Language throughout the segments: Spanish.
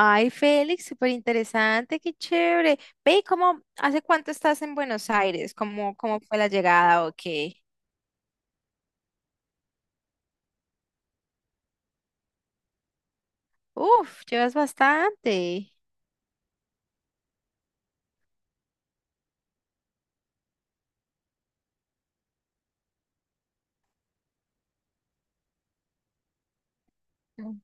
Ay, Félix, súper interesante, qué chévere. Ve, ¿y hace cuánto estás en Buenos Aires? ¿Cómo, cómo fue la llegada o qué? Uf, llevas bastante. Mm.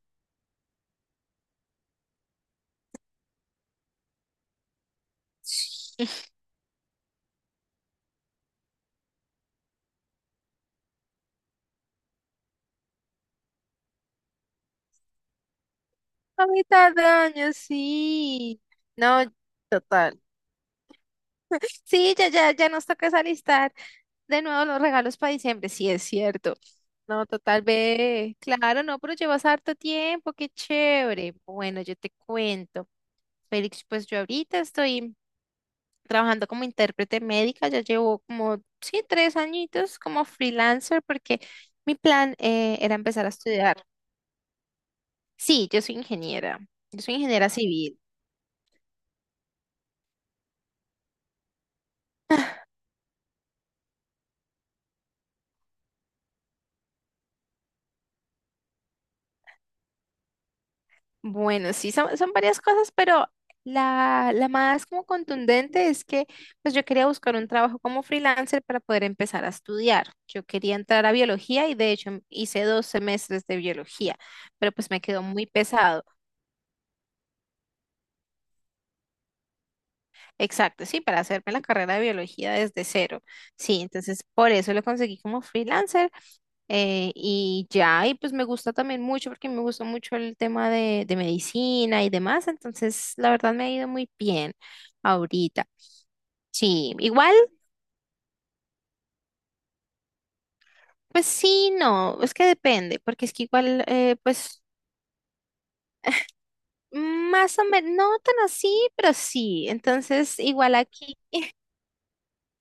A mitad de año, sí. No, total. Sí, ya, ya, ya nos toca es alistar de nuevo los regalos para diciembre. Sí, es cierto. No, total, ve. Claro, no, pero llevas harto tiempo, qué chévere. Bueno, yo te cuento. Félix, pues yo ahorita estoy trabajando como intérprete médica, ya llevo como, sí, tres añitos como freelancer, porque mi plan era empezar a estudiar. Sí, yo soy ingeniera civil. Bueno, sí, son, son varias cosas, pero la más como contundente es que pues yo quería buscar un trabajo como freelancer para poder empezar a estudiar. Yo quería entrar a biología y de hecho hice dos semestres de biología, pero pues me quedó muy pesado. Exacto, sí, para hacerme la carrera de biología desde cero. Sí, entonces por eso lo conseguí como freelancer. Y ya, y pues me gusta también mucho porque me gusta mucho el tema de medicina y demás, entonces la verdad me ha ido muy bien ahorita. Sí, igual, pues sí, no, es que depende, porque es que igual, pues más o menos, no tan así, pero sí, entonces igual aquí.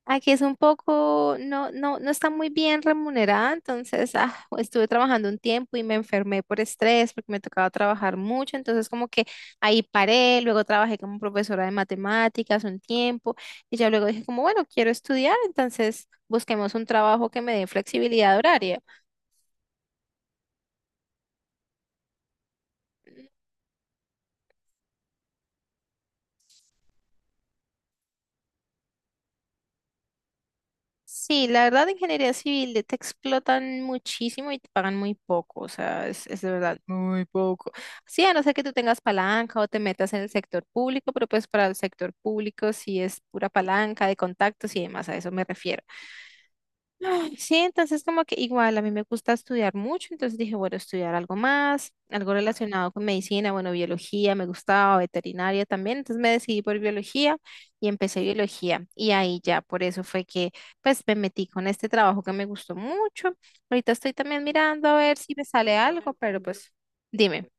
Aquí es un poco, no, no, no está muy bien remunerada, entonces estuve trabajando un tiempo y me enfermé por estrés porque me tocaba trabajar mucho, entonces como que ahí paré, luego trabajé como profesora de matemáticas un tiempo y ya luego dije como, bueno, quiero estudiar, entonces busquemos un trabajo que me dé flexibilidad horaria. Sí, la verdad, ingeniería civil te explotan muchísimo y te pagan muy poco, o sea, es de verdad muy poco. Sí, a no ser que tú tengas palanca o te metas en el sector público, pero pues para el sector público sí es pura palanca de contactos y demás, a eso me refiero. Ay, sí, entonces como que igual a mí me gusta estudiar mucho, entonces dije, bueno, estudiar algo más, algo relacionado con medicina, bueno, biología, me gustaba, veterinaria también, entonces me decidí por biología y empecé biología y ahí ya, por eso fue que pues me metí con este trabajo que me gustó mucho. Ahorita estoy también mirando a ver si me sale algo, pero pues dime.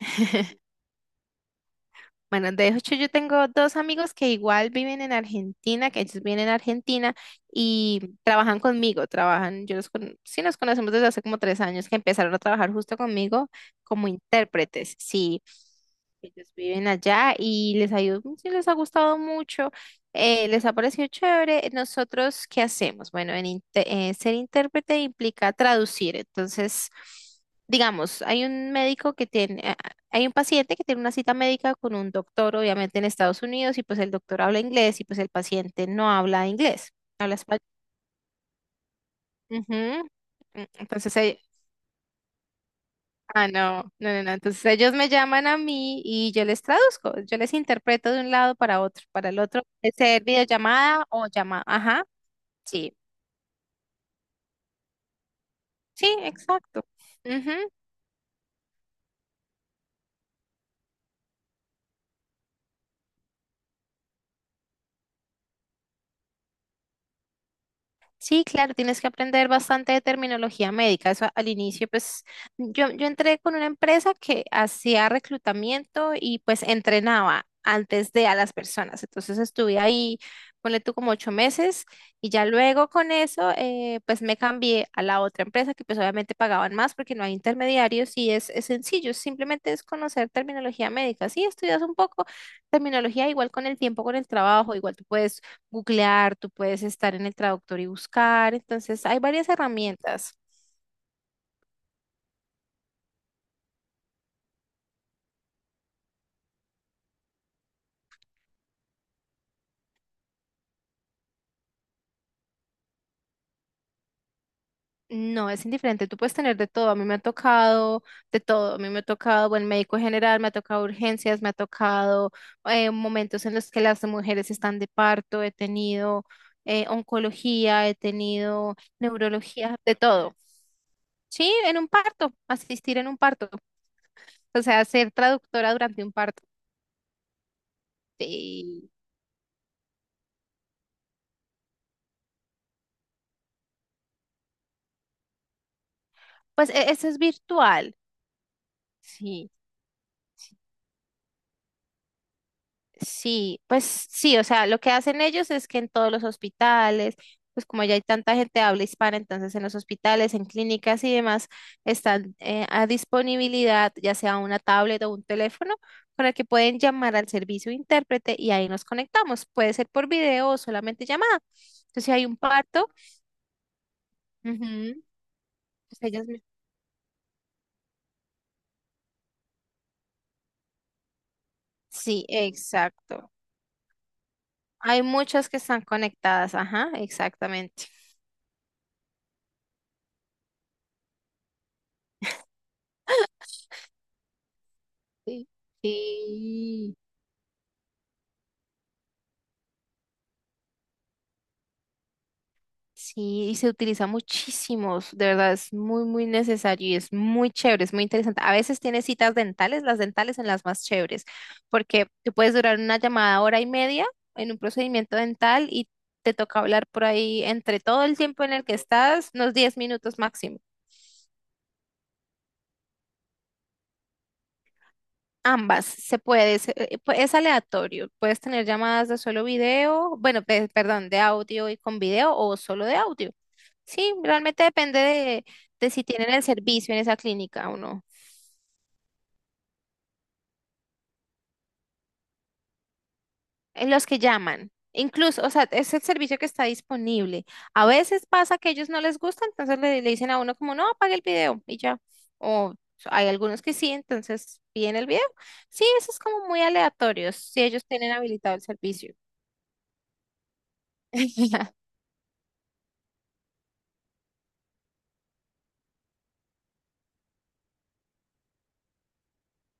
Bueno, de hecho yo tengo dos amigos que igual viven en Argentina, que ellos viven en Argentina y trabajan conmigo, trabajan, yo los con, sí nos conocemos desde hace como tres años que empezaron a trabajar justo conmigo como intérpretes, sí, ellos viven allá y les ha ido- sí les ha gustado mucho, les ha parecido chévere. Nosotros, ¿qué hacemos? Bueno, en inte- ser intérprete implica traducir, entonces… Digamos, hay un médico que tiene, hay un paciente que tiene una cita médica con un doctor, obviamente en Estados Unidos, y pues el doctor habla inglés y pues el paciente no habla inglés, habla español. Ujú. Mm, entonces, ell- ah, no, no, no, no. Entonces ellos me llaman a mí y yo les traduzco, yo les interpreto de un lado para otro, para el otro, puede ser videollamada o llamada. Ajá, sí, sí, exacto. Sí, claro, tienes que aprender bastante de terminología médica. Eso al inicio, pues yo entré con una empresa que hacía reclutamiento y pues entrenaba antes de a las personas. Entonces estuve ahí, ponle tú como ocho meses y ya luego con eso, pues me cambié a la otra empresa que pues obviamente pagaban más porque no hay intermediarios y es sencillo, simplemente es conocer terminología médica. Sí, estudias un poco terminología igual con el tiempo, con el trabajo, igual tú puedes googlear, tú puedes estar en el traductor y buscar, entonces hay varias herramientas. No, es indiferente, tú puedes tener de todo, a mí me ha tocado de todo, a mí me ha tocado buen médico general, me ha tocado urgencias, me ha tocado momentos en los que las mujeres están de parto, he tenido oncología, he tenido neurología, de todo. Sí, en un parto, asistir en un parto, o sea, ser traductora durante un parto. Y pues e- eso es virtual, sí. Sí, pues sí, o sea, lo que hacen ellos es que en todos los hospitales, pues como ya hay tanta gente de habla hispana, entonces en los hospitales, en clínicas y demás, están a disponibilidad ya sea una tablet o un teléfono para que pueden llamar al servicio de intérprete y ahí nos conectamos. Puede ser por video o solamente llamada. Entonces, si hay un parto, ujú, pues ellas me- sí, exacto. Hay muchas que están conectadas, ajá, exactamente. Sí. Sí. Sí, y se utiliza muchísimo, s- de verdad es muy, muy necesario y es muy chévere, es muy interesante. A veces tienes citas dentales, las dentales son las más chéveres, porque tú puedes durar una llamada hora y media en un procedimiento dental y te toca hablar por ahí entre todo el tiempo en el que estás, unos 10 minutos máximo. Ambas, se puede, se- pu- es aleatorio, puedes tener llamadas de solo video, bueno, pe- perdón, de audio y con video o solo de audio. Sí, realmente depende de si tienen el servicio en esa clínica o no. En los que llaman. Incluso, o sea, es el servicio que está disponible. A veces pasa que ellos no les gusta, entonces le dicen a uno como, no, apague el video y ya. O hay algunos que sí, entonces piden el video. Sí, eso es como muy aleatorio, si ellos tienen habilitado el servicio.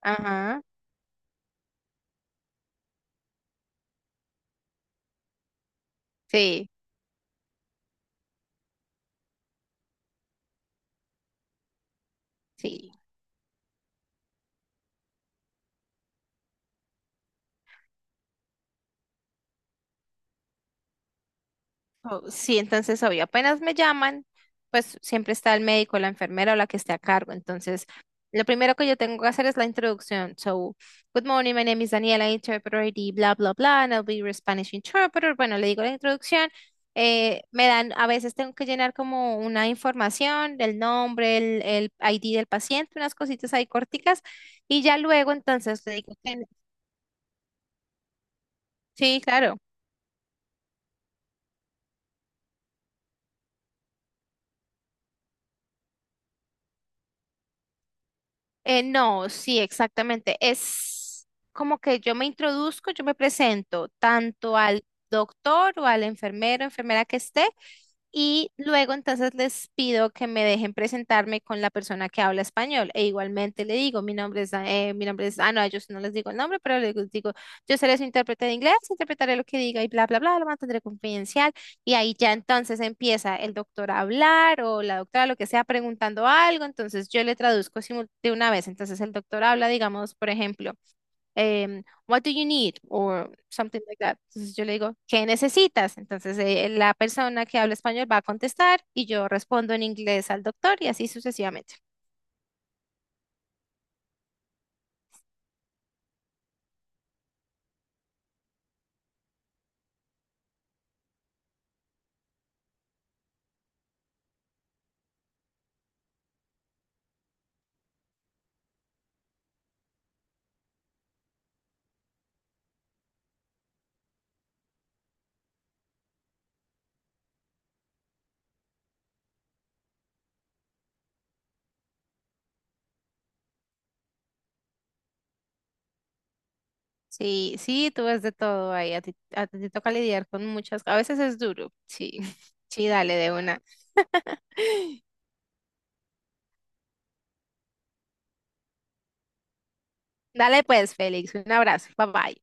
Ajá, sí, sí. Oh, sí, entonces obvio, apenas me llaman, pues siempre está el médico, la enfermera o la que esté a cargo. Entonces, lo primero que yo tengo que hacer es la introducción. So, good morning, my name is Daniela, interpreter ID, bla, bla, bla, and I'll be your Spanish interpreter. Bueno, le digo la introducción. Me dan, a veces tengo que llenar como una información del nombre, el ID del paciente, unas cositas ahí corticas, y ya luego entonces le digo que, sí, claro. No, sí, exactamente. Es como que yo me introduzco, yo me presento tanto al doctor o al enfermero, enfermera que esté, y luego entonces les pido que me dejen presentarme con la persona que habla español. E igualmente le digo, mi nombre es, da- mi nombre es, ah, no, yo no les digo el nombre, pero les digo, yo seré su intérprete de inglés, interpretaré lo que diga y bla, bla, bla, lo mantendré confidencial. Y ahí ya entonces empieza el doctor a hablar o la doctora lo que sea preguntando algo, entonces yo le traduzco simul- de una vez. Entonces el doctor habla, digamos, por ejemplo, What do you need? Or something like that. Entonces yo le digo, ¿qué necesitas? Entonces la persona que habla español va a contestar y yo respondo en inglés al doctor y así sucesivamente. Sí, sí, tú ves de todo ahí, a ti te toca lidiar con muchas, a veces es duro, sí, sí, dale de una. Dale pues, Félix, un abrazo, bye bye.